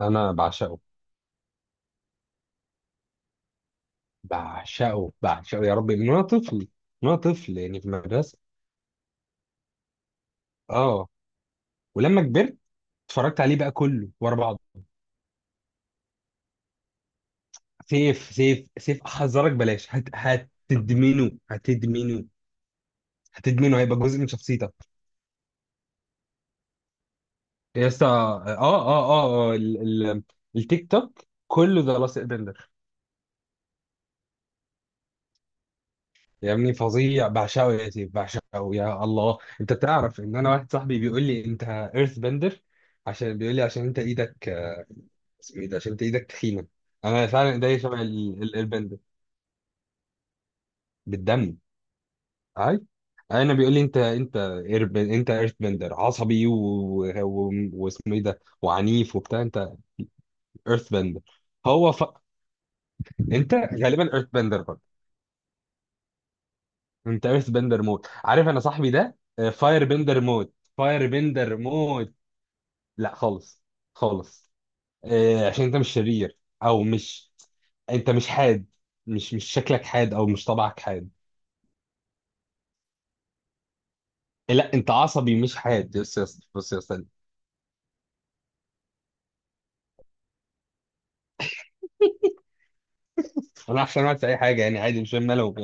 انا بعشقه، بعشقه يا ربي من وانا طفل، من وانا طفل يعني في المدرسه. اه، ولما كبرت اتفرجت عليه بقى كله ورا بعض. سيف احذرك بلاش، هت هتدمنه هتدمنه هتدمنه هيبقى جزء من شخصيتك. يا اسطى، اه التيك توك كله ده لاصق بندر. يا ابني فظيع، بعشقه يا سيف بعشقه، يا الله انت تعرف ان انا واحد صاحبي بيقول لي انت ايرث بندر. عشان بيقول لي عشان انت ايدك، اسمه ايه ده، عشان انت ايدك تخينه. انا فعلا ايديا شبه البند. بالدم. عارف، انا بيقول لي انت ايرث بندر، عصبي و- و- واسمه ايه ده، وعنيف وبتاع انت. ايرث بندر. هو ف... انت غالبا ايرث بندر برضه. انت ايرث بندر موت، عارف انا صاحبي ده. فاير بندر موت، فاير بندر موت. لا خالص، خالص. آه، عشان انت مش شرير او مش، انت مش حاد، مش شكلك حاد او مش طبعك حاد. لا انت عصبي مش حاد. بص يا اسطى، بص يا اسطى، ما تفرحش، انا في اي حاجه يعني عادي، مش فاهم مالهم.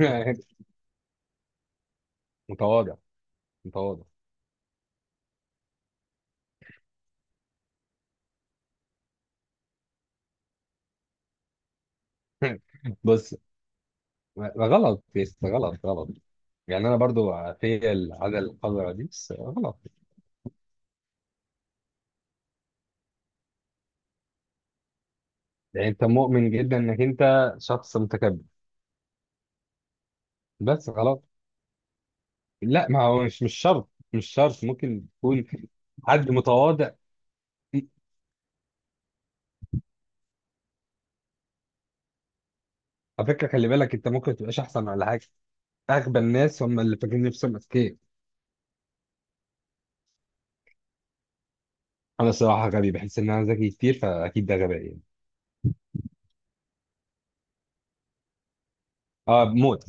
يعني متواضع. متواضع. بص، ما غلط يا اسطى، غلط غلط. يعني انا برضو في العاده القذره دي، بس غلط. يعني انت مؤمن جدا انك انت شخص متكبر. بس غلط. لا ما هو مش شرط، مش شرط، ممكن تكون حد متواضع. على فكره خلي بالك، انت ممكن تبقاش احسن ولا حاجه. اغبى الناس هم اللي فاكرين نفسهم اذكياء. انا الصراحه غبي، بحس ان انا ذكي كتير، فاكيد ده غباء يعني. اه موت.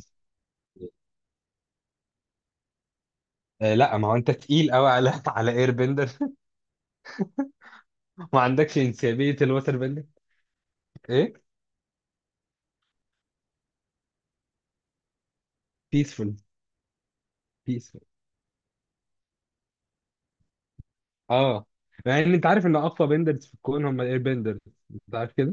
آه لا، ما هو انت تقيل قوي على على اير بندر. ما عندكش انسيابيه الوتر بندر. ايه؟ بيسفول. بيسفول. اه. مع ان انت عارف ان اقوى بندرز في الكون هم الاير بندرز. انت عارف كده.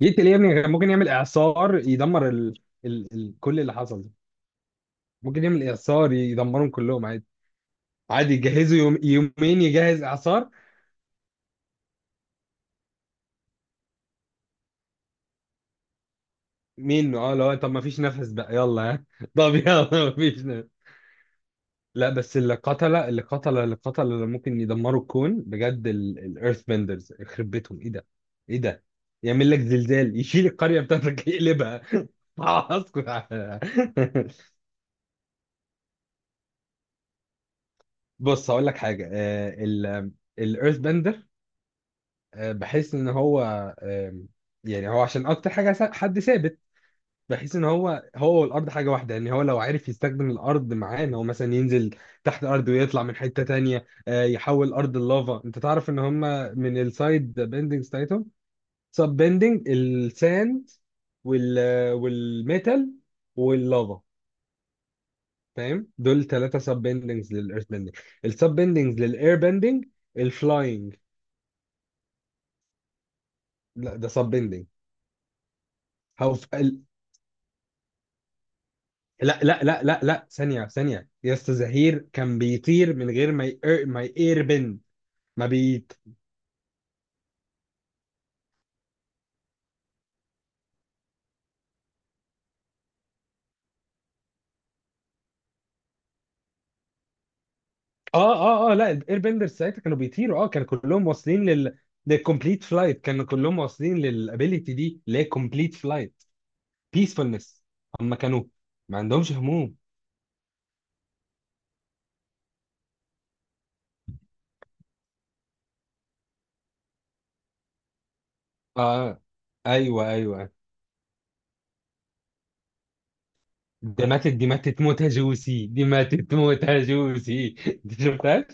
يقتل يا ابني، كان ممكن يعمل اعصار يدمر كل اللي حصل ده. ممكن يعمل اعصار يدمرهم كلهم عادي. عادي يجهزوا يومين يجهز اعصار منه. اه، لو طب ما فيش نفس بقى، يلا ها طب يلا ما فيش. لا بس اللي اللي ممكن يدمروا الكون بجد الايرث بندرز. يخرب بيتهم، ايه ده، ايه ده. يعمل لك زلزال يشيل القريه بتاعتك يقلبها. اسكت. بص هقول لك حاجه. الايرث بندر بحس ان هو، آه، يعني هو عشان اكتر حاجه حد ثابت، بحيث ان هو، هو والارض حاجه واحده. يعني هو لو عرف يستخدم الارض معاه ان هو مثلا ينزل تحت الارض ويطلع من حته تانية، آه، يحول ارض اللافا. انت تعرف ان هم من السايد بيندنج بتاعتهم سب بيندنج الساند، وال والميتال واللافا. فاهم؟ دول ثلاثه سب بيندنجز للايرث بيندنج. السب بيندنجز للاير بيندنج الفلاينج. لا ده سب بيندنج. هو في ال- لا ثانيه ثانيه يا استاذ زهير، كان بيطير من غير ما ما يير بند. مبيت. اه لا، الاير بندرز ساعتها كانوا بيطيروا، اه كانوا كلهم واصلين لل، للكومبليت فلايت، كانوا كلهم واصلين للابيليتي دي اللي هي كومبليت فلايت. بيسفولنس. هم كانوا ما عندهمش هموم. اه ايوه ايوه، أيوة. دي ماتت، دي ماتت موتة جوسي، دي ماتت موتة جوسي. دي شفتهاش؟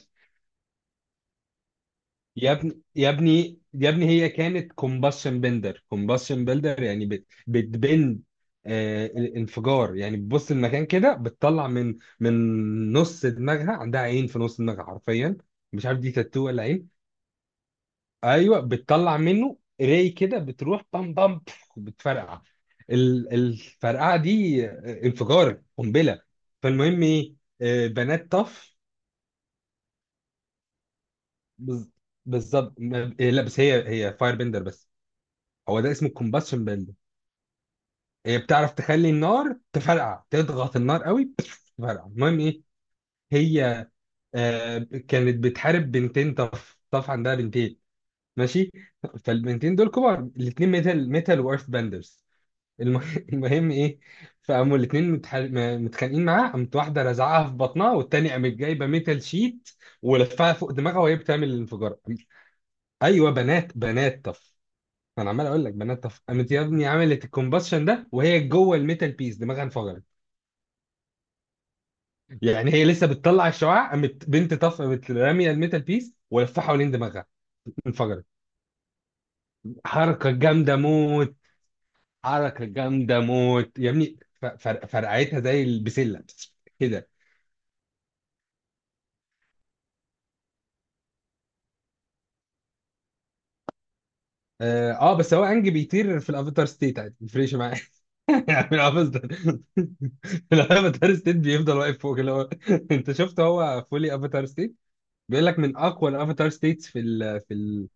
يا ابني يا ابني يا ابني، هي كانت كومباشن بندر، كومباشن بندر، يعني بتبند، آه الانفجار. يعني بتبص المكان كده بتطلع من، من نص دماغها، عندها عين في نص دماغها حرفيا. مش عارف دي تاتو ولا عين. ايوه، بتطلع منه راي كده، بتروح بام بام بف، بتفرقع. الفرقعه دي آه، انفجار قنبله. فالمهم ايه، آه، بنات طف. بز- بالظبط، لا بس هي، هي فاير بندر بس. هو ده اسمه الكومباشن بيل. هي بتعرف تخلي النار تفرقع، تضغط النار قوي تفرقع. المهم ايه، هي، آه، كانت بتحارب بنتين طف، طف عندها بنتين. ماشي. فالبنتين دول كبار، الاثنين ميتال، ميتال وايرث بندرز. الم- المهم ايه، فقاموا الاثنين متخانقين معاه، قامت واحده رزعها في بطنها، والتانيه قامت جايبه ميتال شيت ولفها فوق دماغها وهي بتعمل الانفجار. ايوه بنات، بنات طف. انا عمال اقول لك بنات طف. قامت يا ابني عملت الكومباشن ده وهي جوه الميتال، بيس دماغها انفجرت. يعني هي لسه بتطلع الشعاع، قامت بنت طف قامت راميه الميتال بيس ولفها حوالين دماغها انفجرت. حركه جامده موت. حركه جامده موت يا ابني، فرقعتها زي البسله كده. اه آه، بس هو انج بيطير في الافاتار ستيت عادي، ما يفرقش معايا. في الافاتار في الافاتار ستيت بيفضل واقف فوق اللي هو انت شفت هو فولي افاتار ستيت، بيقول لك من اقوى الافاتار ستيتس في ال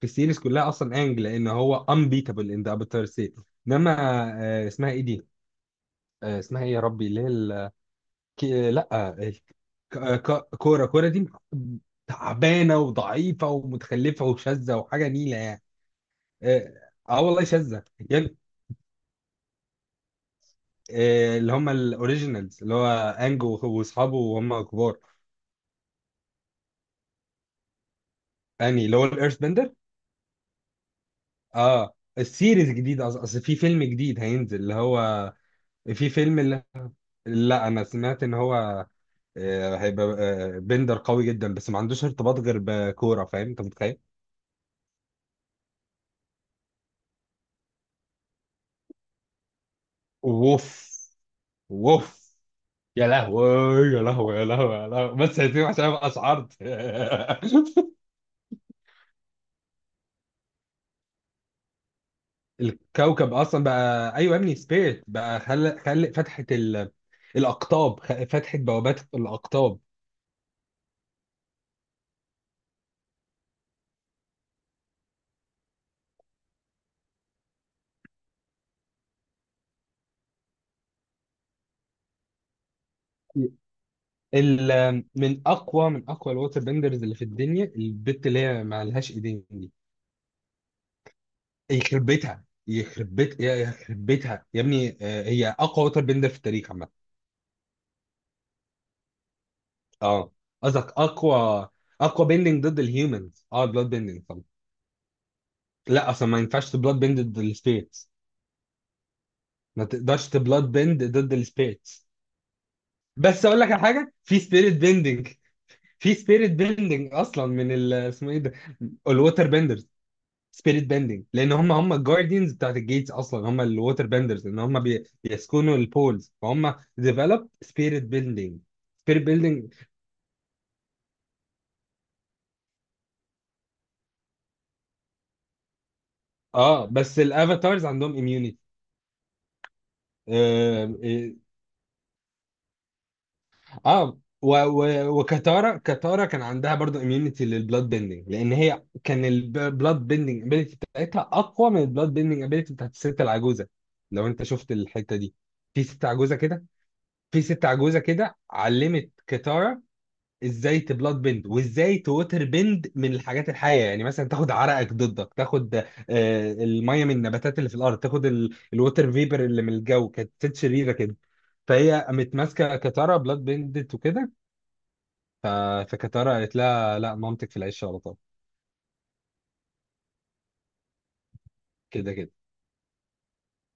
في السيريز كلها اصلا انج، لان هو انبيتابل ان ذا افاتار ستيت. انما، آه، اسمها ايه دي؟ آه، اسمها ايه يا ربي، اللي هي كي- لا آه، كوره. كوره دي تعبانه وضعيفه ومتخلفه وشاذه وحاجه نيله يعني. اه. آه والله شاذه. يعني، آه، اللي هم الاوريجينالز اللي هو انج واصحابه وهم كبار. يعني اللي هو الايرث بندر. اه، السيريز جديد، أصل في فيلم جديد هينزل اللي هو، في فيلم اللي... لا انا سمعت ان هو، آه، هيبقى، آه، بندر قوي جدا بس ما عندوش ارتباط غير بكوره. فاهم؟ انت متخيل؟ ووف. ووف. يا لهوي يا لهوي يا لهوي يا لهوي، بس هسيبه عشان ابقى اشعرت الكوكب اصلا بقى، ايوه يا ابني، سبيريت بقى خلق، خلق فتحه الاقطاب، فتحه بوابات الاقطاب. من اقوى، من اقوى الووتر بندرز اللي في الدنيا، البت اللي هي ما لهاش ايدين دي. يخرب بيتها، يخرب بيتها يا ابني، آه، هي اقوى ووتر بيندر في التاريخ عامه. اه. قصدك اقوى، اقوى بيندنج ضد الهيومنز، اه بلاد بيندنج طبعا. لا اصلا ما ينفعش تبلاد بيند ضد السبيريتس. ما تقدرش تبلاد بيند ضد السبيريتس. بس اقول لك على حاجه في سبيريت بيندنج. في سبيريت بيندنج اصلا من ال، اسمه ايه ده، الووتر بيندرز. سبيريت بندنج، لان هم الجارديانز بتاعت الجيتس اصلا هم الووتر بندرز، ان هم بيسكنوا البولز، فهم ديفلوب سبيريت بندنج. سبيريت بندنج. اه بس الافاتارز عندهم اميونيتي. اه, آه. آه، و و وكتارا، كتارا كان عندها برضو اميونيتي للبلاد بيندنج، لان هي كان البلاد بيندنج ابيليتي بتاعتها اقوى من البلاد بيندنج ابيليتي بتاعت الست العجوزه. لو انت شفت الحته دي، في ست عجوزه كده، في ست عجوزه كده علمت كتارا ازاي تبلاد بند وازاي توتر بند من الحاجات الحيه. يعني مثلا تاخد عرقك ضدك، تاخد آه، الميه من النباتات اللي في الارض، تاخد الوتر فيبر اللي من الجو. كانت ست شريره كده، فهي قامت ماسكه كتاره بلاد بندت وكده. ف- فكتاره قالت لها لا مامتك في العيش على طول. كده كده.